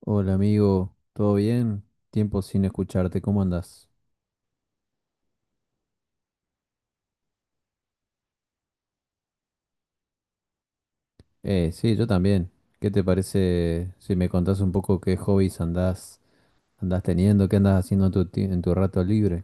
Hola amigo, ¿todo bien? Tiempo sin escucharte, ¿cómo andás? Sí, yo también. ¿Qué te parece si me contás un poco qué hobbies andás teniendo, qué andás haciendo en en tu rato libre?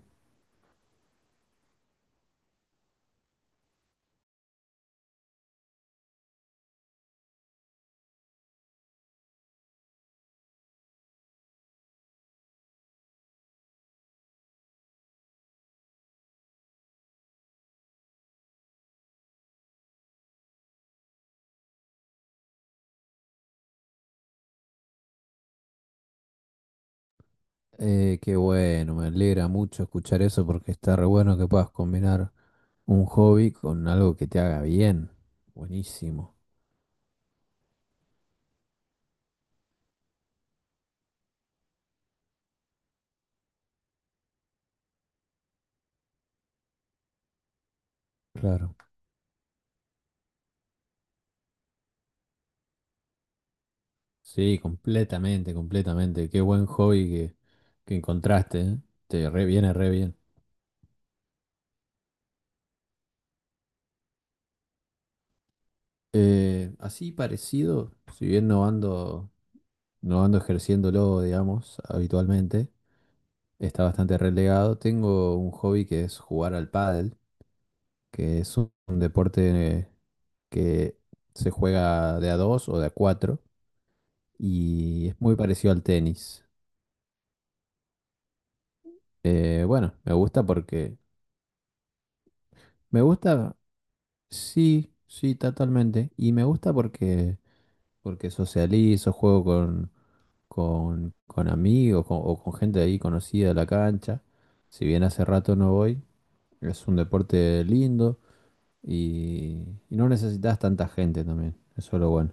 Qué bueno, me alegra mucho escuchar eso porque está re bueno que puedas combinar un hobby con algo que te haga bien. Buenísimo, claro. Sí, completamente, completamente. Qué buen hobby que encontraste, ¿eh? Te re viene re bien. Así parecido, si bien no ando ejerciéndolo, digamos, habitualmente, está bastante relegado. Tengo un hobby que es jugar al pádel, que es un deporte que se juega de a dos o de a cuatro y es muy parecido al tenis. Bueno, me gusta, sí, sí, totalmente, y me gusta porque socializo, juego con, amigos o con gente ahí conocida de la cancha. Si bien hace rato no voy, es un deporte lindo y no necesitas tanta gente también. Eso es lo bueno.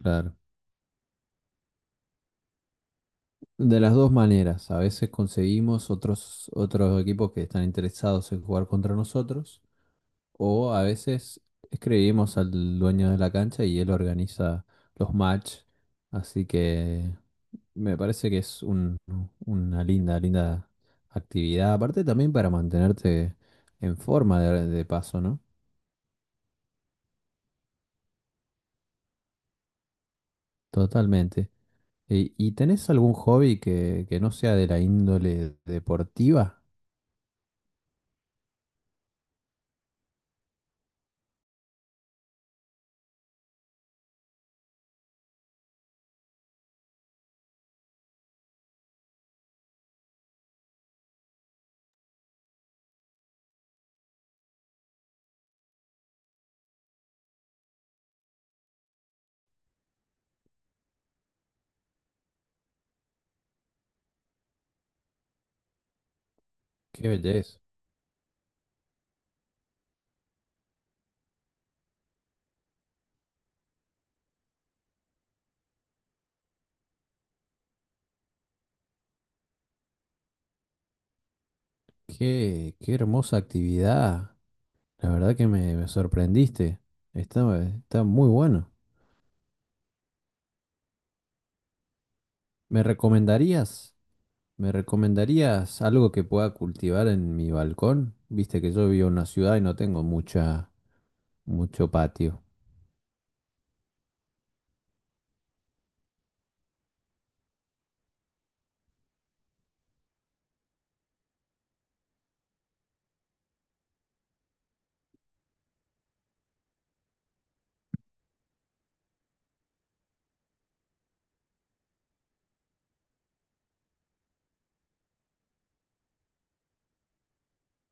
Claro. De las dos maneras, a veces conseguimos otros equipos que están interesados en jugar contra nosotros. O a veces escribimos al dueño de la cancha y él organiza los match. Así que me parece que una linda, linda actividad. Aparte también para mantenerte en forma de paso, ¿no? Totalmente. ¿Y tenés algún hobby que no sea de la índole deportiva? Qué belleza. Qué hermosa actividad. La verdad que me sorprendiste. Está muy bueno. ¿Me recomendarías? ¿Me recomendarías algo que pueda cultivar en mi balcón? Viste que yo vivo en una ciudad y no tengo mucha, mucho patio.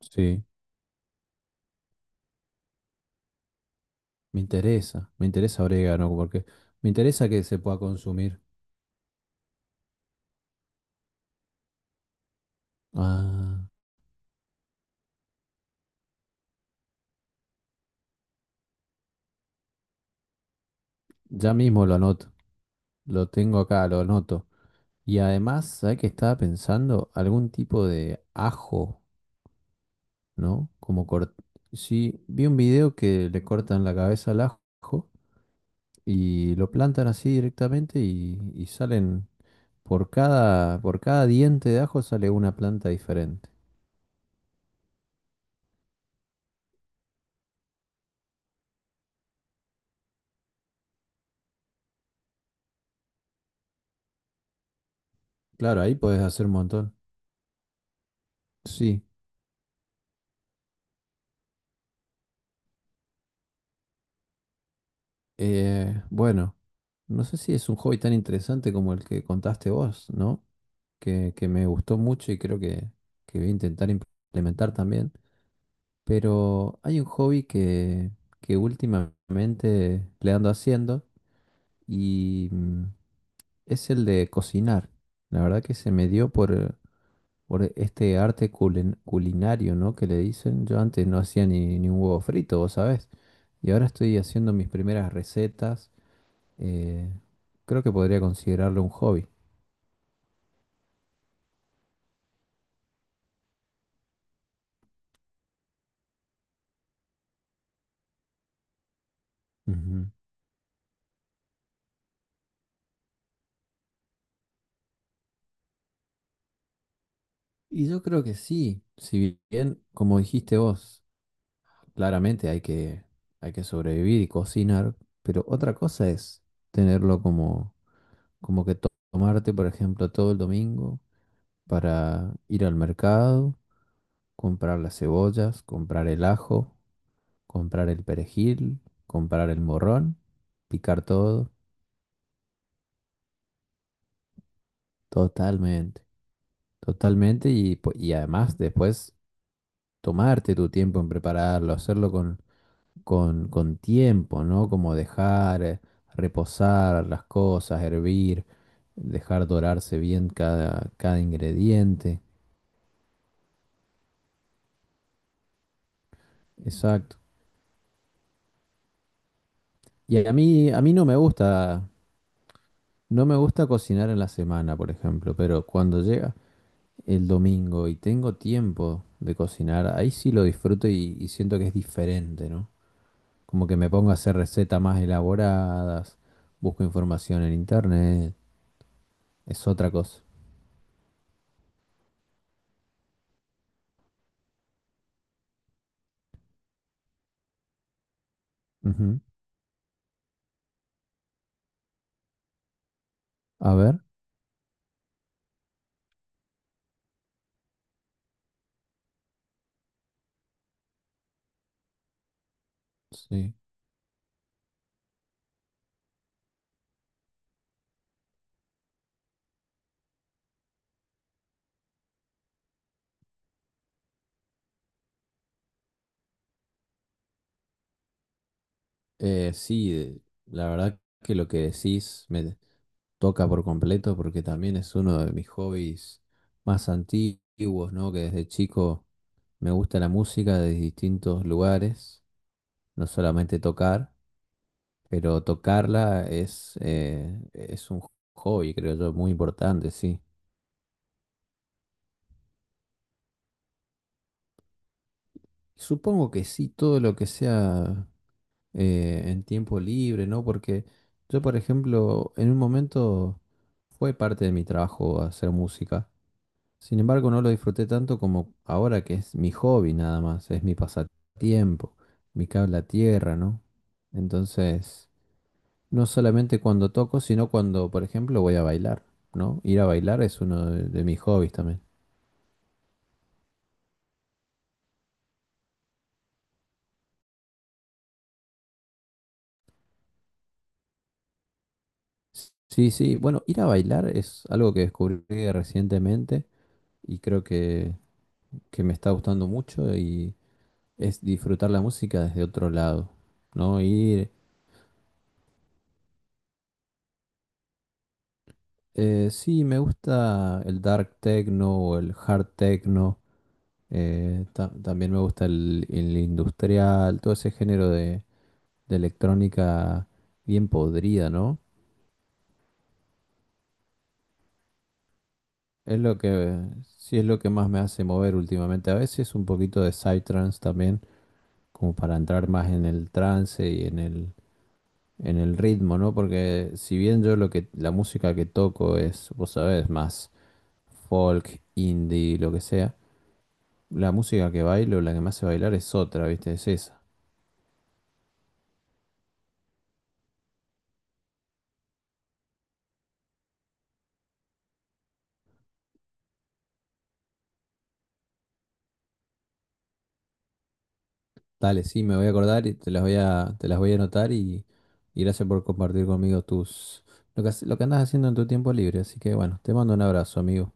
Sí, me interesa orégano porque me interesa que se pueda consumir. Ah, ya mismo lo anoto, lo tengo acá, lo anoto. Y además, ¿sabes qué estaba pensando? Algún tipo de ajo, ¿no? Sí, vi un video que le cortan la cabeza al ajo y lo plantan así directamente y salen por cada diente de ajo sale una planta diferente. Claro, ahí podés hacer un montón. Sí. Bueno, no sé si es un hobby tan interesante como el que contaste vos, ¿no? Que me gustó mucho y creo que voy a intentar implementar también. Pero hay un hobby que últimamente le ando haciendo y es el de cocinar. La verdad que se me dio por este arte culinario, ¿no? Que le dicen. Yo antes no hacía ni un huevo frito, vos sabés. Y ahora estoy haciendo mis primeras recetas. eh, Creo que podría considerarlo un hobby. Ujú. Y yo creo que sí, si bien, como dijiste vos, claramente hay que sobrevivir y cocinar, pero otra cosa es tenerlo como que tomarte, por ejemplo, todo el domingo para ir al mercado, comprar las cebollas, comprar el ajo, comprar el perejil, comprar el morrón, picar todo, totalmente, totalmente y además después tomarte tu tiempo en prepararlo, hacerlo con, con tiempo, ¿no? Como dejar reposar las cosas, hervir, dejar dorarse bien cada ingrediente. Exacto. Y a mí no me gusta cocinar en la semana, por ejemplo, pero cuando llega el domingo y tengo tiempo de cocinar, ahí sí lo disfruto y siento que es diferente, ¿no? Como que me pongo a hacer recetas más elaboradas, busco información en internet, es otra cosa. Ujú. A ver, sí. Sí, la verdad que lo que decís me toca por completo porque también es uno de mis hobbies más antiguos, ¿no? Que desde chico me gusta la música de distintos lugares, no solamente tocar. Pero tocarla es un hobby, creo yo, muy importante, sí. Supongo que sí, todo lo que sea en tiempo libre, ¿no? Porque yo, por ejemplo, en un momento fue parte de mi trabajo hacer música. Sin embargo, no lo disfruté tanto como ahora que es mi hobby nada más, es mi pasatiempo, mi cable a tierra, ¿no? Entonces. No solamente cuando toco, sino cuando, por ejemplo, voy a bailar, ¿no? Ir a bailar es uno de mis hobbies también. Sí, sí, bueno, ir a bailar es algo que descubrí recientemente y creo que me está gustando mucho y es disfrutar la música desde otro lado, ¿no? Sí, me gusta el dark techno o el hard techno, también me gusta el industrial, todo ese género de electrónica bien podrida, ¿no? Es lo que, sí es lo que más me hace mover últimamente. A veces un poquito de psytrance también, como para entrar más en el trance y en el ritmo, ¿no? Porque si bien la música que toco es, vos sabés, más folk, indie, lo que sea, la música que bailo, la que me hace bailar es otra, ¿viste? Es esa. Dale, sí, me voy a acordar y te las voy a anotar y gracias por compartir conmigo tus, lo que, hace- lo que andas haciendo en tu tiempo libre. Así que bueno, te mando un abrazo, amigo.